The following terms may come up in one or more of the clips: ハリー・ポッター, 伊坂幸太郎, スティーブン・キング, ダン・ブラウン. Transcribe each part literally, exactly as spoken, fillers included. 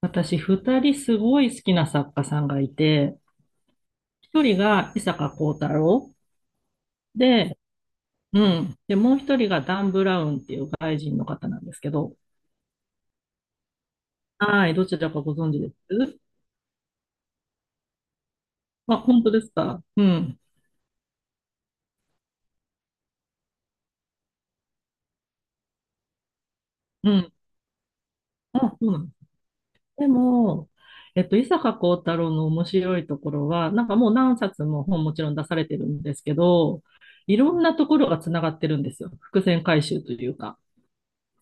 私、二人すごい好きな作家さんがいて、一人が伊坂幸太郎で、うん。で、もう一人がダン・ブラウンっていう外人の方なんですけど、はい、どちらかご存知ですあ、本当ですか？うん。うん。あ、そうなんです。でも、えっと、伊坂幸太郎の面白いところは、なんかもう何冊も本もちろん出されてるんですけど、いろんなところがつながってるんですよ。伏線回収というか。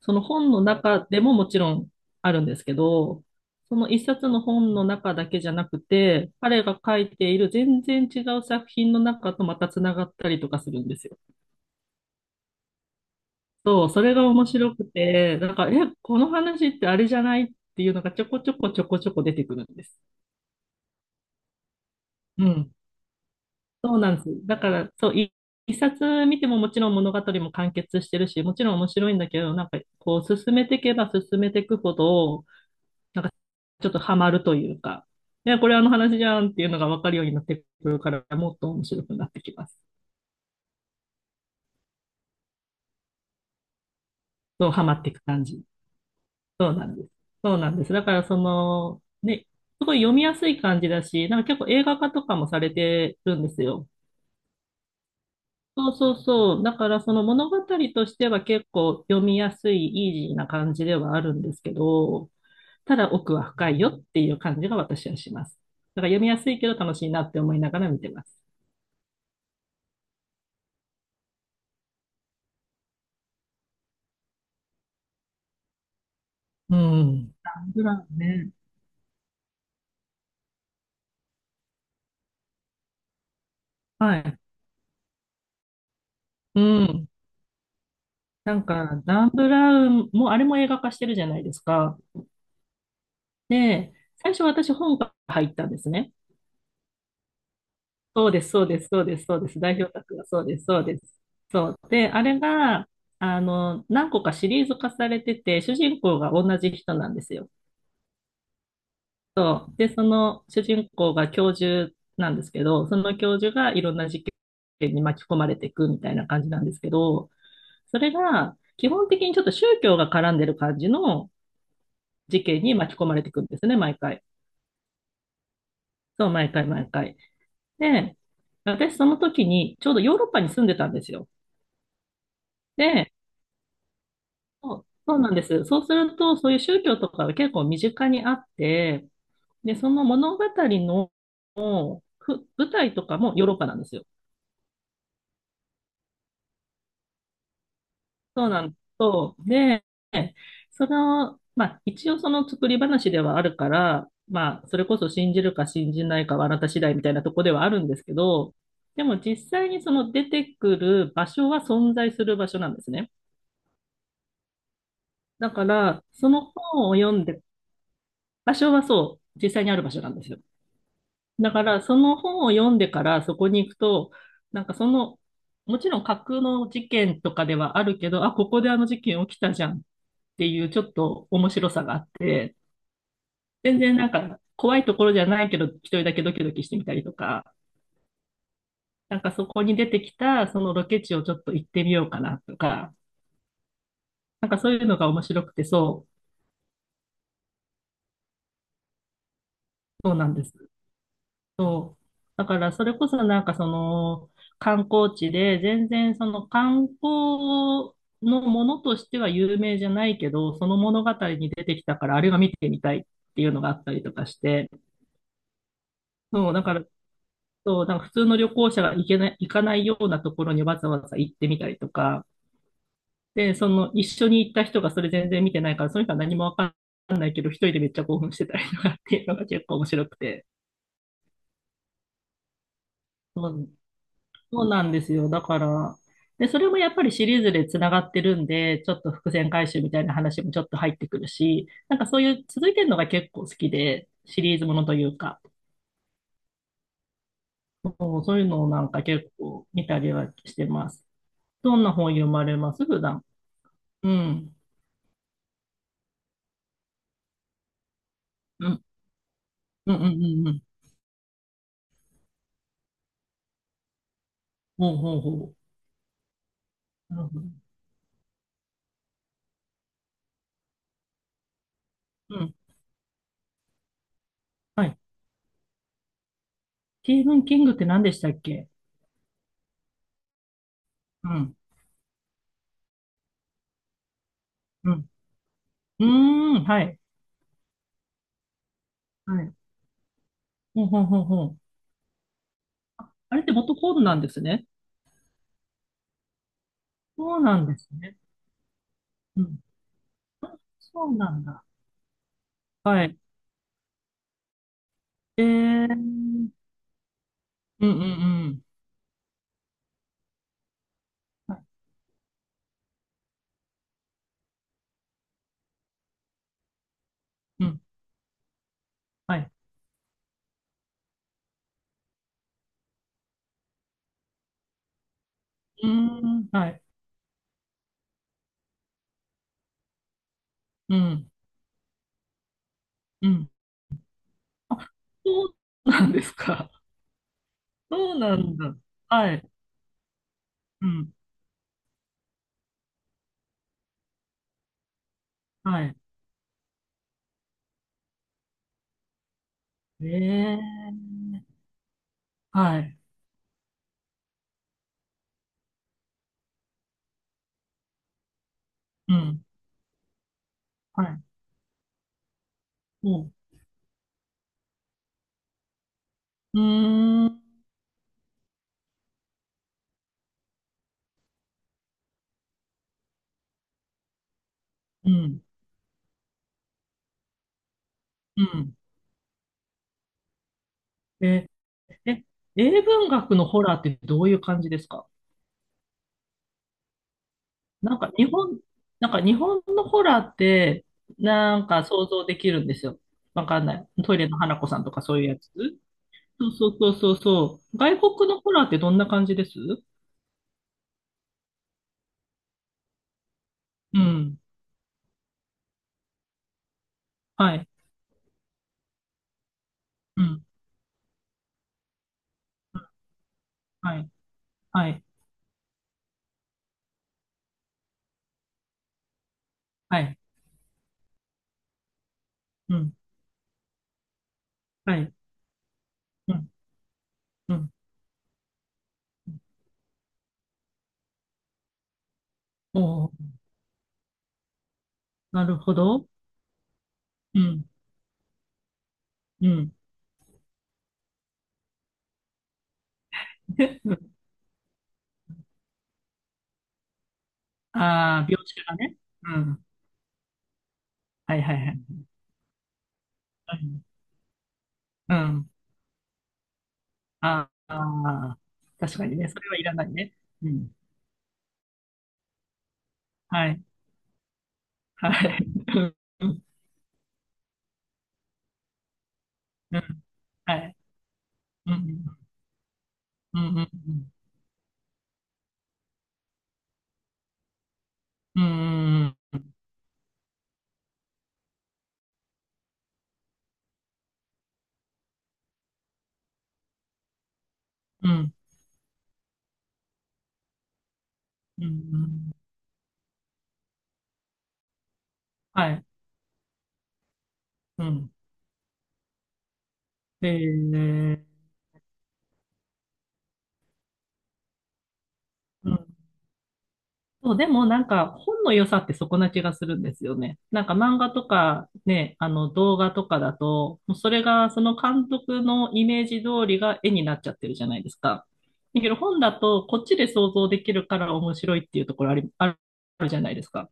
その本の中でももちろんあるんですけど、その一冊の本の中だけじゃなくて、彼が書いている全然違う作品の中とまたつながったりとかするんですよ。そう、それが面白くて、なんか、え、この話ってあれじゃないっていうのがちょこちょこちょこちょこ出てくるんです。うん。そうなんです。だから、そう、い一冊見てももちろん物語も完結してるし、もちろん面白いんだけど、なんかこう進めていけば進めていくほど、なんかちょっとハマるというか、いや、これあの話じゃんっていうのが分かるようになってくるから、もっと面白くなってきます。そう、ハマっていく感じ。そうなんです。そうなんです。だからその、ね、すごい読みやすい感じだし、なんか結構映画化とかもされてるんですよ。そうそうそう。だからその物語としては結構読みやすい、イージーな感じではあるんですけど、ただ奥は深いよっていう感じが私はします。だから読みやすいけど楽しいなって思いながら見てます。うん。ダン・ブラウンね。はい。うん。なんか、ダン・ブラウンも、あれも映画化してるじゃないですか。で、最初私本から入ったんですね。そうです、そうです、そうです、そうです。代表作がそうです、そうです。そう。で、あれが、あの、何個かシリーズ化されてて、主人公が同じ人なんですよ。そう。で、その主人公が教授なんですけど、その教授がいろんな事件に巻き込まれていくみたいな感じなんですけど、それが、基本的にちょっと宗教が絡んでる感じの事件に巻き込まれていくんですね、毎回。そう、毎回毎回。で、私その時にちょうどヨーロッパに住んでたんですよ。で、そうそうなんです。そうすると、そういう宗教とかが結構身近にあって、で、その物語のふ舞台とかもヨーロッパなんですよ。そうなんです。そう。で、その、まあ、一応その作り話ではあるから、まあ、それこそ信じるか信じないかはあなた次第みたいなとこではあるんですけど、でも実際にその出てくる場所は存在する場所なんですね。だから、その本を読んで、場所はそう、実際にある場所なんですよ。だから、その本を読んでからそこに行くと、なんかその、もちろん架空の事件とかではあるけど、あ、ここであの事件起きたじゃん、っていうちょっと面白さがあって、全然なんか怖いところじゃないけど、一人だけドキドキしてみたりとか、なんかそこに出てきたそのロケ地をちょっと行ってみようかなとか、なんかそういうのが面白くて、そう、そうなんです。そう。だからそれこそなんかその観光地で全然その観光のものとしては有名じゃないけど、その物語に出てきたからあれが見てみたいっていうのがあったりとかして、そう、だからそう、なんか普通の旅行者が行けない、行かないようなところにわざわざ行ってみたりとか、で、その一緒に行った人がそれ全然見てないから、その人は何もわかんないけど、一人でめっちゃ興奮してたりとかっていうのが結構面白くて。そうそうなんですよ。だから、で、それもやっぱりシリーズでつながってるんで、ちょっと伏線回収みたいな話もちょっと入ってくるし、なんかそういう続いてるのが結構好きで、シリーズものというか、そうそういうのをなんか結構見たりはしてます。どんな本読まれます普段。うん。うん。うんうんうんうん。ほうほうほう。なるほど。うん。はい。スティーブン・キングって何でしたっけ？うん。うん。うーん。はい。はい。ほうほうほうほう。あれって元コードなんですね。そうなんですね。うん。そうなんだ。はい。えー。うんうんうん。はい。うん。はい。うーん。はい。うん。うん。あ、そうなんですか。そうなんだ。はい。うん。はい。えー。はい。うん。はい。うんうーん、うん、うん。え、え、英文学のホラーってどういう感じですか？なんか日本、なんか日本のホラーって、なんか想像できるんですよ。わかんない。トイレの花子さんとかそういうやつ。そうそうそうそうそう。外国のホラーってどんな感じですうん。はい。うん。はい。はい。はい。うん。はい。うん。うん。おお、なるほど。うん。うん。ああ、描写がね。うん。はいはいはい。うん。うんああ、確かにね。それはいらないね。うん。はい。はい。うん。うん。はい。うん。うん。うん。うん。うん。うん。うん。うんはい。うん。えー、うん。そう、でもなんか本の良さってそこな気がするんですよね。なんか漫画とかね、あの動画とかだと、もうそれがその監督のイメージ通りが絵になっちゃってるじゃないですか。だけど本だとこっちで想像できるから面白いっていうところあり、あるあるじゃないですか。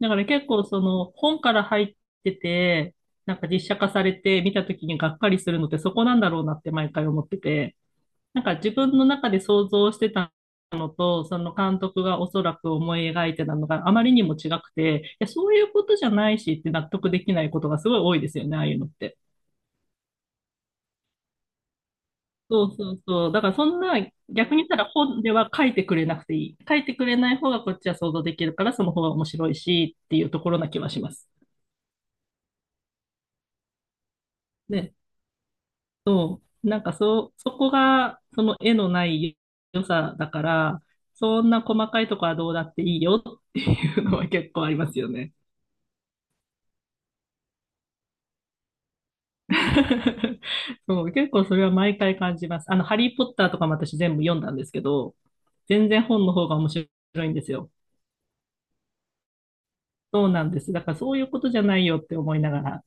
だから結構その本から入ってて、なんか実写化されて見た時にがっかりするのってそこなんだろうなって毎回思ってて。なんか自分の中で想像してたのと、その監督がおそらく思い描いてたのがあまりにも違くて、いや、そういうことじゃないしって納得できないことがすごい多いですよね、ああいうのって。そうそうそう。だからそんな、逆に言ったら本では書いてくれなくていい。書いてくれない方がこっちは想像できるから、その方が面白いしっていうところな気はします。ね、そう。なんかそう、そこがその絵のない良さだから、そんな細かいとこはどうだっていいよっていうのは結構ありますよね。そう、結構それは毎回感じます。あの、ハリー・ポッターとかも私全部読んだんですけど、全然本の方が面白いんですよ。そうなんです。だからそういうことじゃないよって思いながら